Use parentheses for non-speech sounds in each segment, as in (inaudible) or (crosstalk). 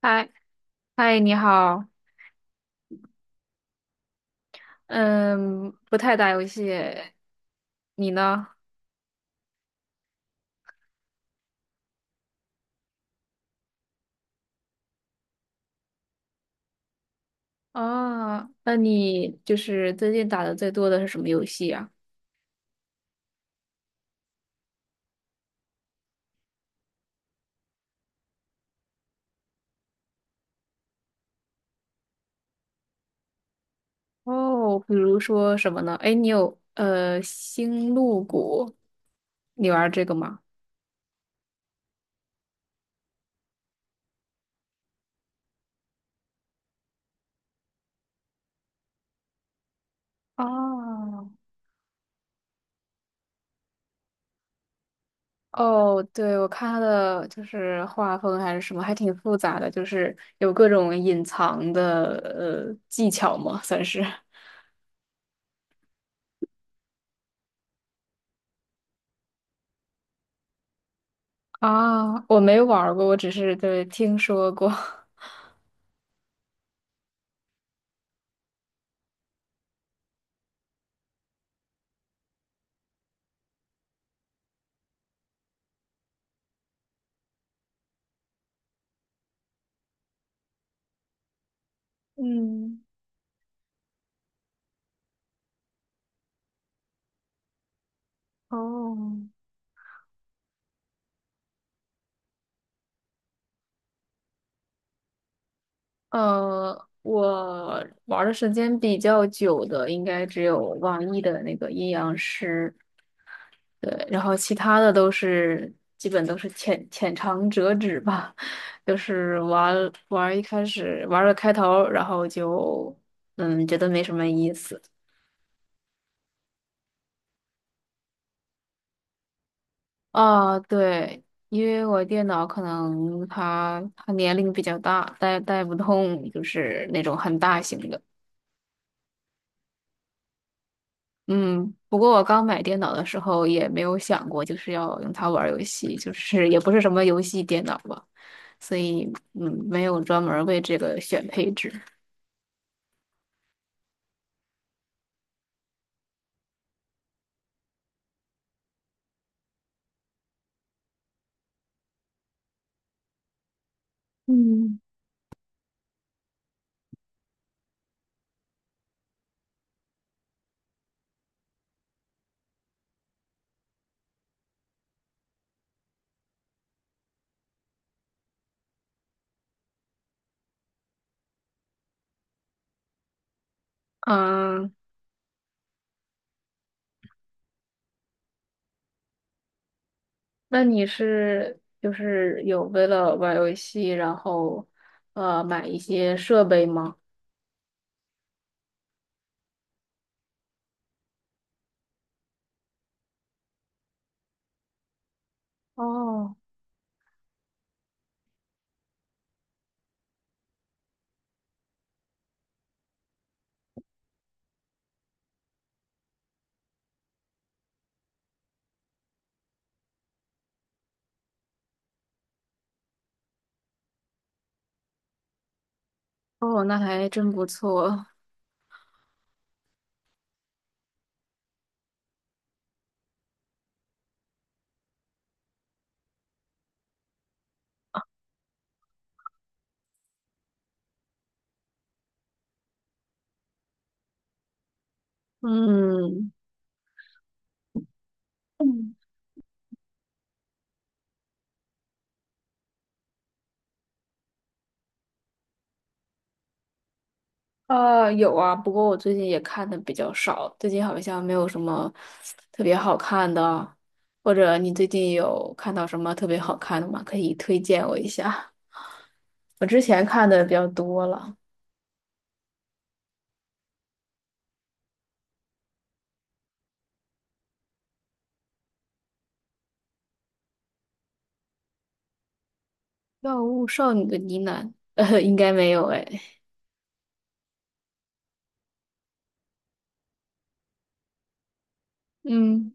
嗨嗨，你好，嗯，不太打游戏，你呢？啊，那你就是最近打的最多的是什么游戏啊？哦，比如说什么呢？哎，你有星露谷，你玩这个吗？哦，哦，对，我看它的就是画风还是什么，还挺复杂的，就是有各种隐藏的技巧嘛，算是。(laughs) 啊，我没玩儿过，我只是对听说过。(laughs) 嗯，哦，我玩的时间比较久的，应该只有网易的那个阴阳师，对，然后其他的都是基本都是浅浅尝辄止吧，(laughs) 就是玩一开始玩了开头，然后就觉得没什么意思。啊，对，因为我电脑可能它年龄比较大，带不动就是那种很大型的。嗯，不过我刚买电脑的时候也没有想过就是要用它玩儿游戏，就是也不是什么游戏电脑吧，所以嗯，没有专门儿为这个选配置。嗯。嗯，那你是就是有为了玩儿游戏，然后买一些设备吗？哦，哦，那还真不错。嗯，有啊，不过我最近也看的比较少，最近好像没有什么特别好看的，或者你最近有看到什么特别好看的吗？可以推荐我一下。我之前看的比较多了，《药物少女的呢喃》(laughs) 应该没有哎。嗯，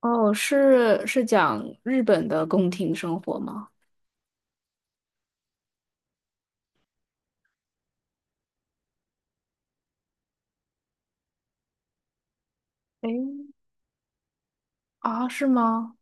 哦，是是讲日本的宫廷生活吗？诶，啊，是吗？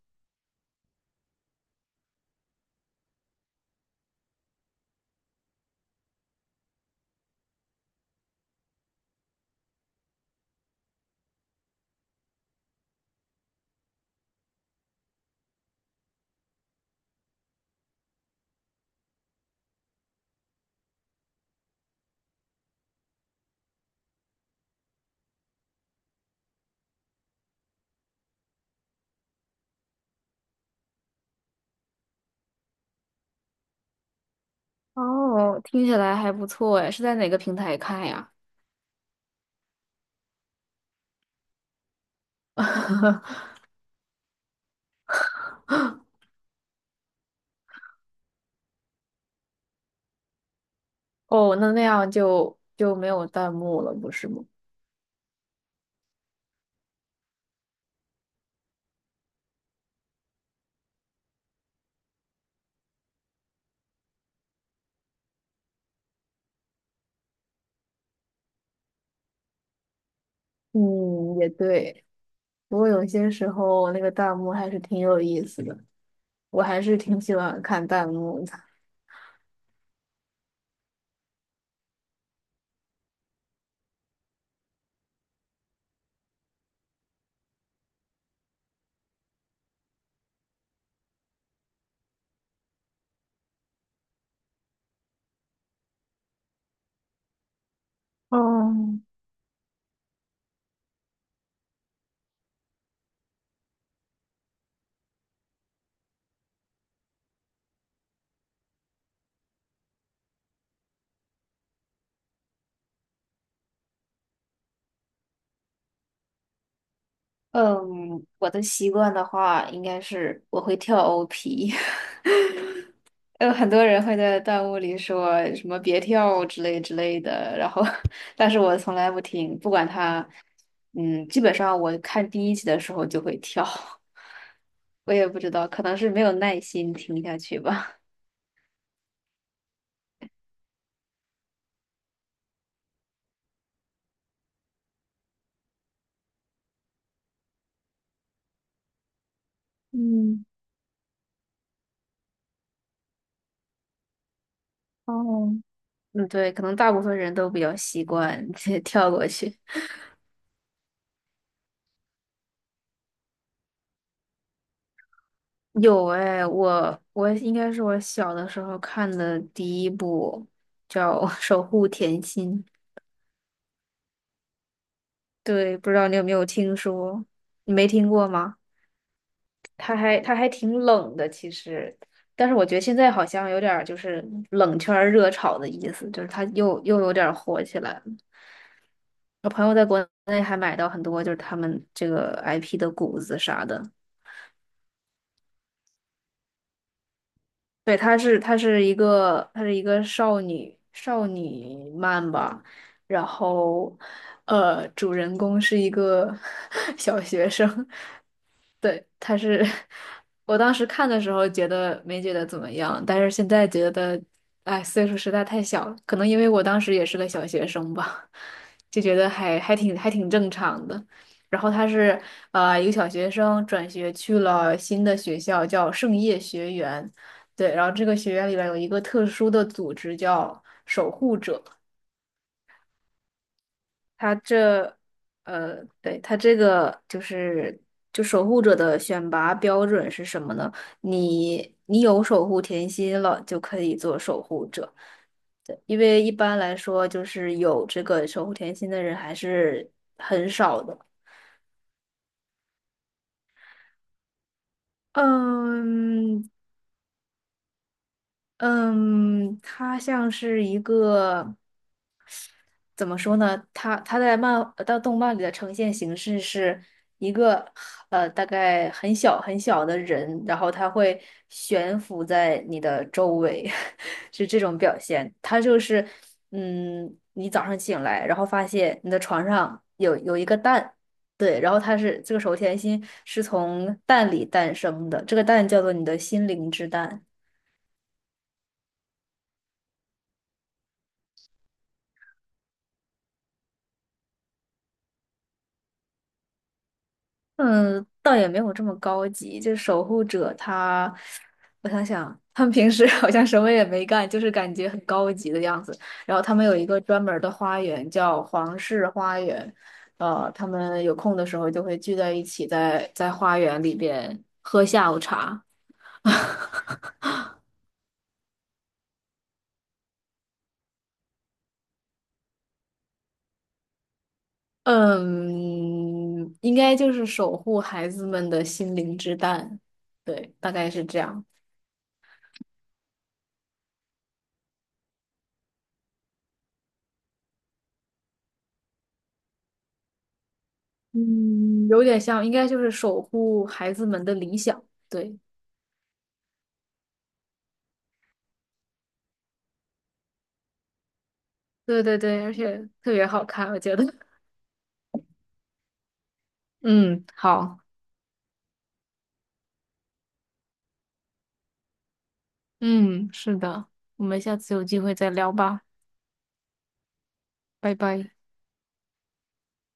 哦，听起来还不错哎，是在哪个平台看呀？(laughs) 哦，那那样就没有弹幕了，不是吗？嗯，也对。不过有些时候那个弹幕还是挺有意思的，我还是挺喜欢看弹幕的。哦，嗯，我的习惯的话，应该是我会跳 OP。(laughs) 有很多人会在弹幕里说什么“别跳”之类之类的，然后，(laughs) 但是我从来不听，不管他，嗯，基本上我看第一集的时候就会跳，(laughs) 我也不知道，可能是没有耐心听下去吧。嗯，哦，嗯，对，可能大部分人都比较习惯 (laughs) 跳过去。有哎，我应该是我小的时候看的第一部叫《<laughs> 守护甜心》。对，不知道你有没有听说？你没听过吗？它还挺冷的，其实，但是我觉得现在好像有点儿就是冷圈儿热炒的意思，就是它又有点儿火起来了。我朋友在国内还买到很多就是他们这个 IP 的谷子啥的。对，她是一个少女漫吧，然后主人公是一个 (laughs) 小学生，对，她是 (laughs) 我当时看的时候觉得没觉得怎么样，但是现在觉得，哎，岁数实在太小了，可能因为我当时也是个小学生吧，就觉得还挺还挺正常的。然后他是一个小学生转学去了新的学校，叫圣夜学园。对，然后这个学院里边有一个特殊的组织叫守护者，它这，对，它这个就是就守护者的选拔标准是什么呢？你有守护甜心了，就可以做守护者。对，因为一般来说，就是有这个守护甜心的人还是很少的。嗯嗯，他像是一个。怎么说呢？他在到动漫里的呈现形式是一个大概很小很小的人，然后他会悬浮在你的周围，(laughs) 是这种表现。他就是嗯，你早上醒来，然后发现你的床上有一个蛋，对，然后它是这个手甜心是从蛋里诞生的，这个蛋叫做你的心灵之蛋。嗯，倒也没有这么高级。就守护者他，我想想，他们平时 (laughs) 好像什么也没干，就是感觉很高级的样子。然后他们有一个专门儿的花园，叫皇室花园。他们有空的时候就会聚在一起在，在花园里边喝下午茶。(laughs) 嗯，应该就是守护孩子们的心灵之蛋。对，大概是这样。嗯，有点像，应该就是守护孩子们的理想。对，对对对，而且特别好看，我觉得。(laughs) 嗯，好，嗯，是的，我们下次有机会再聊吧，拜拜。